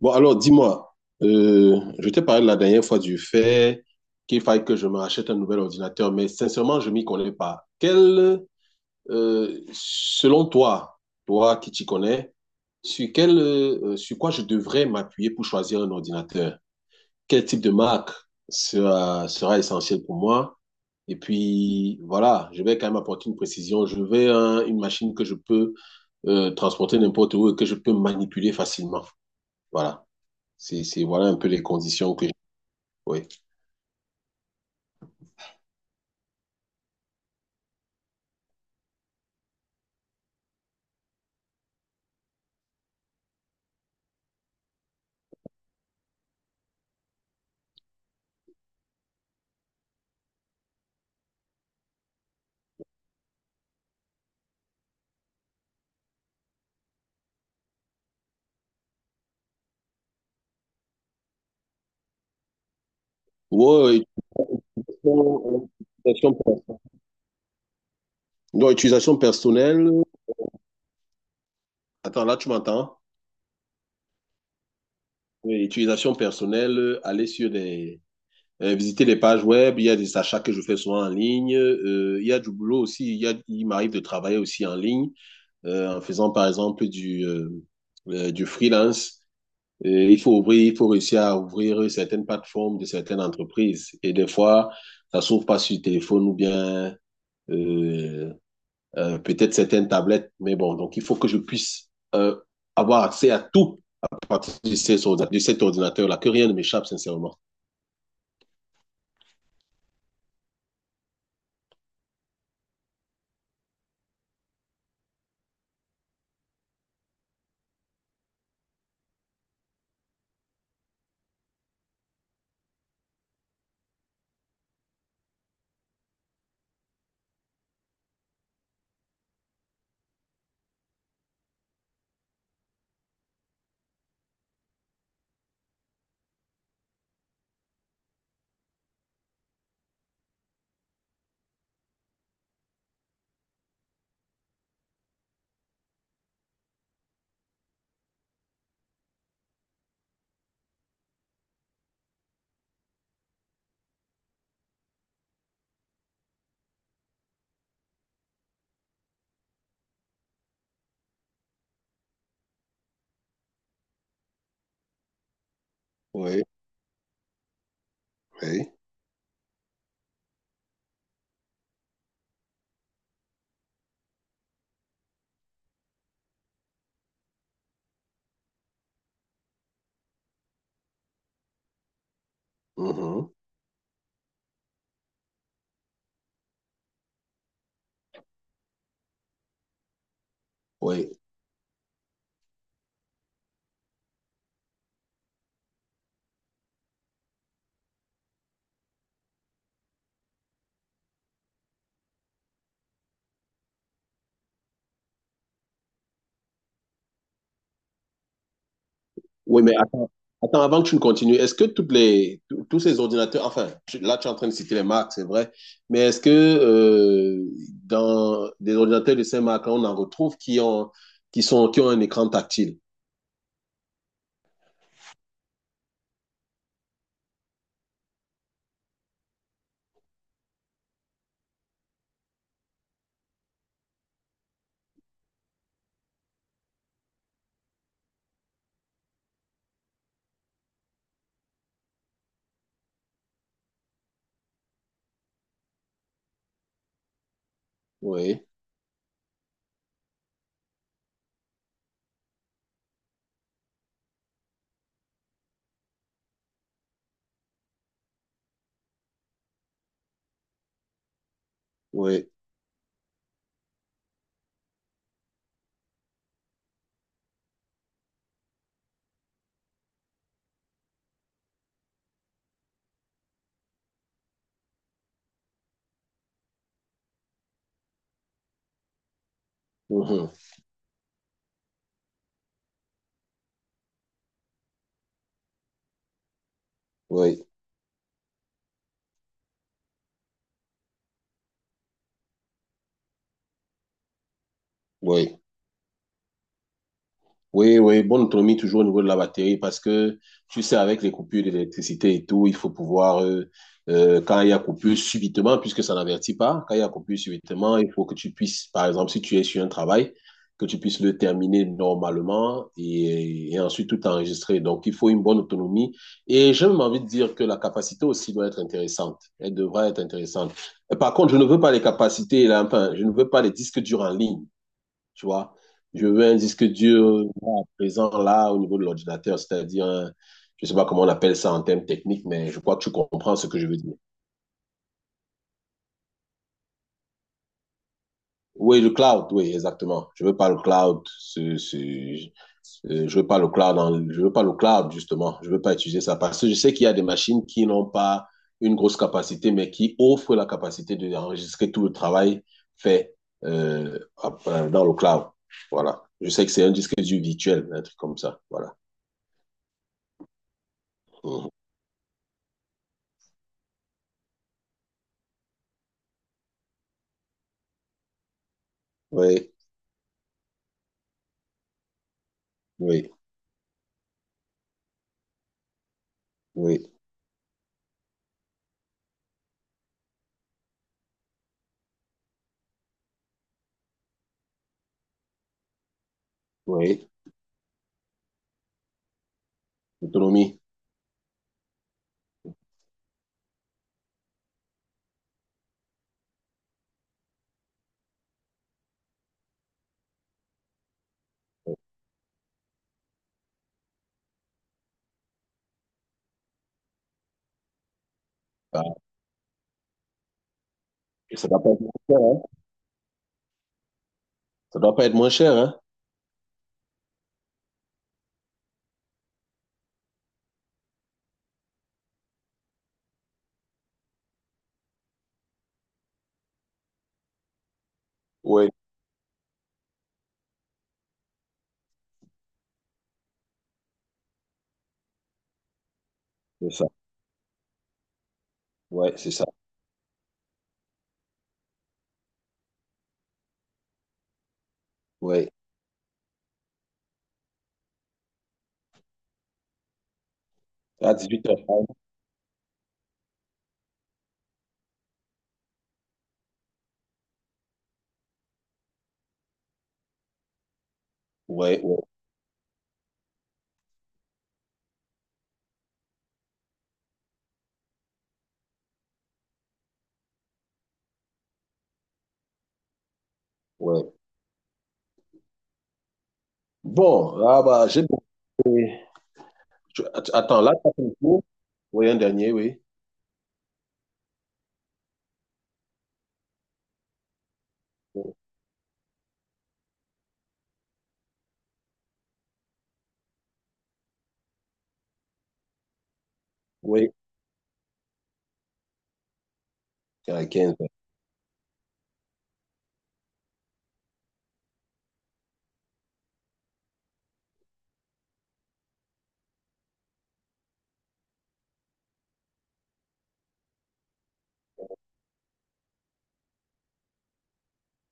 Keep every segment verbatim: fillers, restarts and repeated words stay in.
Bon, alors dis-moi, euh, je t'ai parlé la dernière fois du fait qu'il faille que je me rachète un nouvel ordinateur, mais sincèrement, je m'y connais pas. Quel, euh, selon toi, toi qui t'y connais, sur quel, euh, sur quoi je devrais m'appuyer pour choisir un ordinateur? Quel type de marque sera, sera essentiel pour moi? Et puis, voilà, je vais quand même apporter une précision. Je veux un- une machine que je peux euh, transporter n'importe où et que je peux manipuler facilement. Voilà. C'est, c'est, voilà un peu les conditions que j'ai. Ouais. Ouais, utilisation utilisation personnelle. Donc, utilisation personnelle. Attends, là, tu m'entends? Oui, utilisation personnelle, euh, aller sur des. Euh, visiter les pages web, il y a des achats que je fais souvent en ligne, euh, il y a du boulot aussi, il y a, il m'arrive de travailler aussi en ligne, euh, en faisant par exemple du, euh, euh, du freelance. Et il faut ouvrir, il faut réussir à ouvrir certaines plateformes de certaines entreprises. Et des fois, ça s'ouvre pas sur téléphone ou bien euh, euh, peut-être certaines tablettes. Mais bon, donc il faut que je puisse euh, avoir accès à tout à partir de, ces de cet ordinateur-là, que rien ne m'échappe, sincèrement. Oui, oui. Mhm. Oui. Oui, mais attends, attends, avant que tu ne continues, est-ce que toutes les, tous tous ces ordinateurs, enfin, tu- là tu es en train de citer les marques, c'est vrai, mais est-ce que euh, dans des ordinateurs de ces marques-là, on en retrouve qui ont, qui sont, qui ont un écran tactile? Oui, oui, mhm, oui, oui. Oui, oui, bonne autonomie toujours au niveau de la batterie parce que tu sais, avec les coupures d'électricité et tout, il faut pouvoir, euh, euh, quand il y a coupure subitement, puisque ça n'avertit pas, quand il y a coupure subitement, il faut que tu puisses, par exemple, si tu es sur un travail, que tu puisses le terminer normalement et, et ensuite tout enregistrer. Donc, il faut une bonne autonomie. Et j'ai même envie de dire que la capacité aussi doit être intéressante. Elle devrait être intéressante. Par contre, je ne veux pas les capacités, là, enfin, je ne veux pas les disques durs en ligne. Tu vois, je veux un disque dur là, à présent là au niveau de l'ordinateur, c'est-à-dire, un- je sais pas comment on appelle ça en termes techniques, mais je crois que tu comprends ce que je veux dire. Oui, le cloud, oui, exactement. Je veux pas le cloud, ce, ce- euh, je veux pas le cloud, en- je veux pas le cloud justement. Je veux pas utiliser ça parce que je sais qu'il y a des machines qui n'ont pas une grosse capacité, mais qui offrent la capacité d'enregistrer tout le travail fait euh, à- dans le cloud. Voilà. Je sais que c'est un disque dur virtuel, un truc comme ça. Voilà. Mhm. Oui, oui, oui, oui. L'autonomie. Ah, et ça doit pas être moins cher, hein? Ça doit pas être moins cher, hein? Oui, c'est ça. Oui, c'est ça. Oui. À dix-huit heures. trente. Oui, oui, oui. Bon, ah bah, j'ai demandé- tu- att- attends, là, tu as fait le tour. Oui, un dernier, oui. Oui, à 15 heures.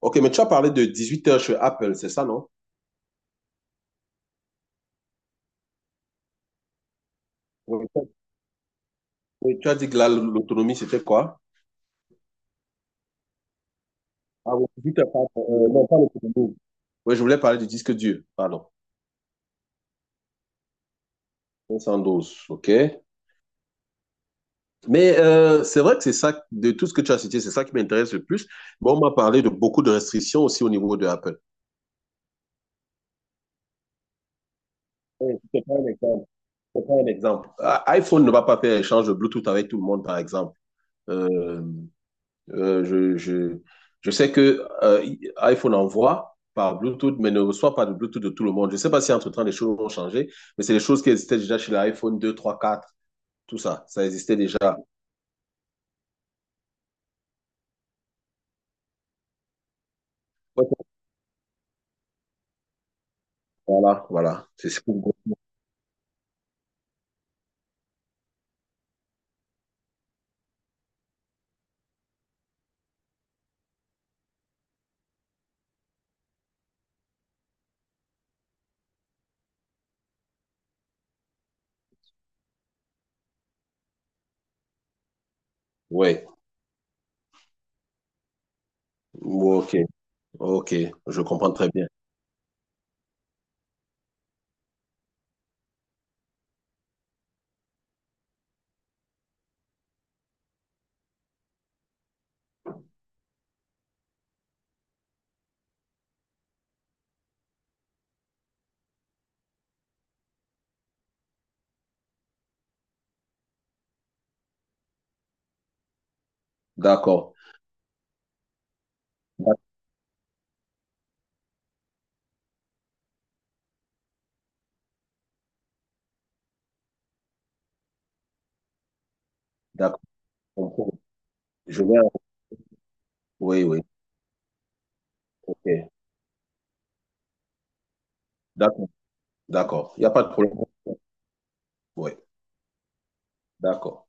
OK, mais tu as parlé de dix-huit heures chez Apple, c'est ça, non? Oui. Oui, tu as dit que là, l'autonomie, c'était quoi? Ah oui, huit heures, pardon. Euh, non, pas l'autonomie. Oui, je voulais parler du disque dur, pardon. cinq cent douze, OK. Mais euh, c'est vrai que c'est ça, de tout ce que tu as cité, c'est ça qui m'intéresse le plus. Bon, on m'a parlé de beaucoup de restrictions aussi au niveau de Apple. Oui, je te prends un exemple. Je te prends un exemple. Ah, iPhone ne va pas faire échange de Bluetooth avec tout le monde, par exemple. Euh, euh, je, je, je sais que euh, iPhone envoie par Bluetooth, mais ne reçoit pas de Bluetooth de tout le monde. Je ne sais pas si entre-temps les choses ont changé, mais c'est des choses qui existaient déjà chez l'iPhone deux, trois, quatre, tout ça. Ça existait déjà. Ouais, voilà, voilà. C'est ce que- ouais. Bon, ok. Ok, je comprends très bien. D'accord. D'ac- d'accord. Je comprends. Je vais. Oui, oui. Ok. D'accord. D'accord. Il n'y a pas de problème. Oui. D'accord.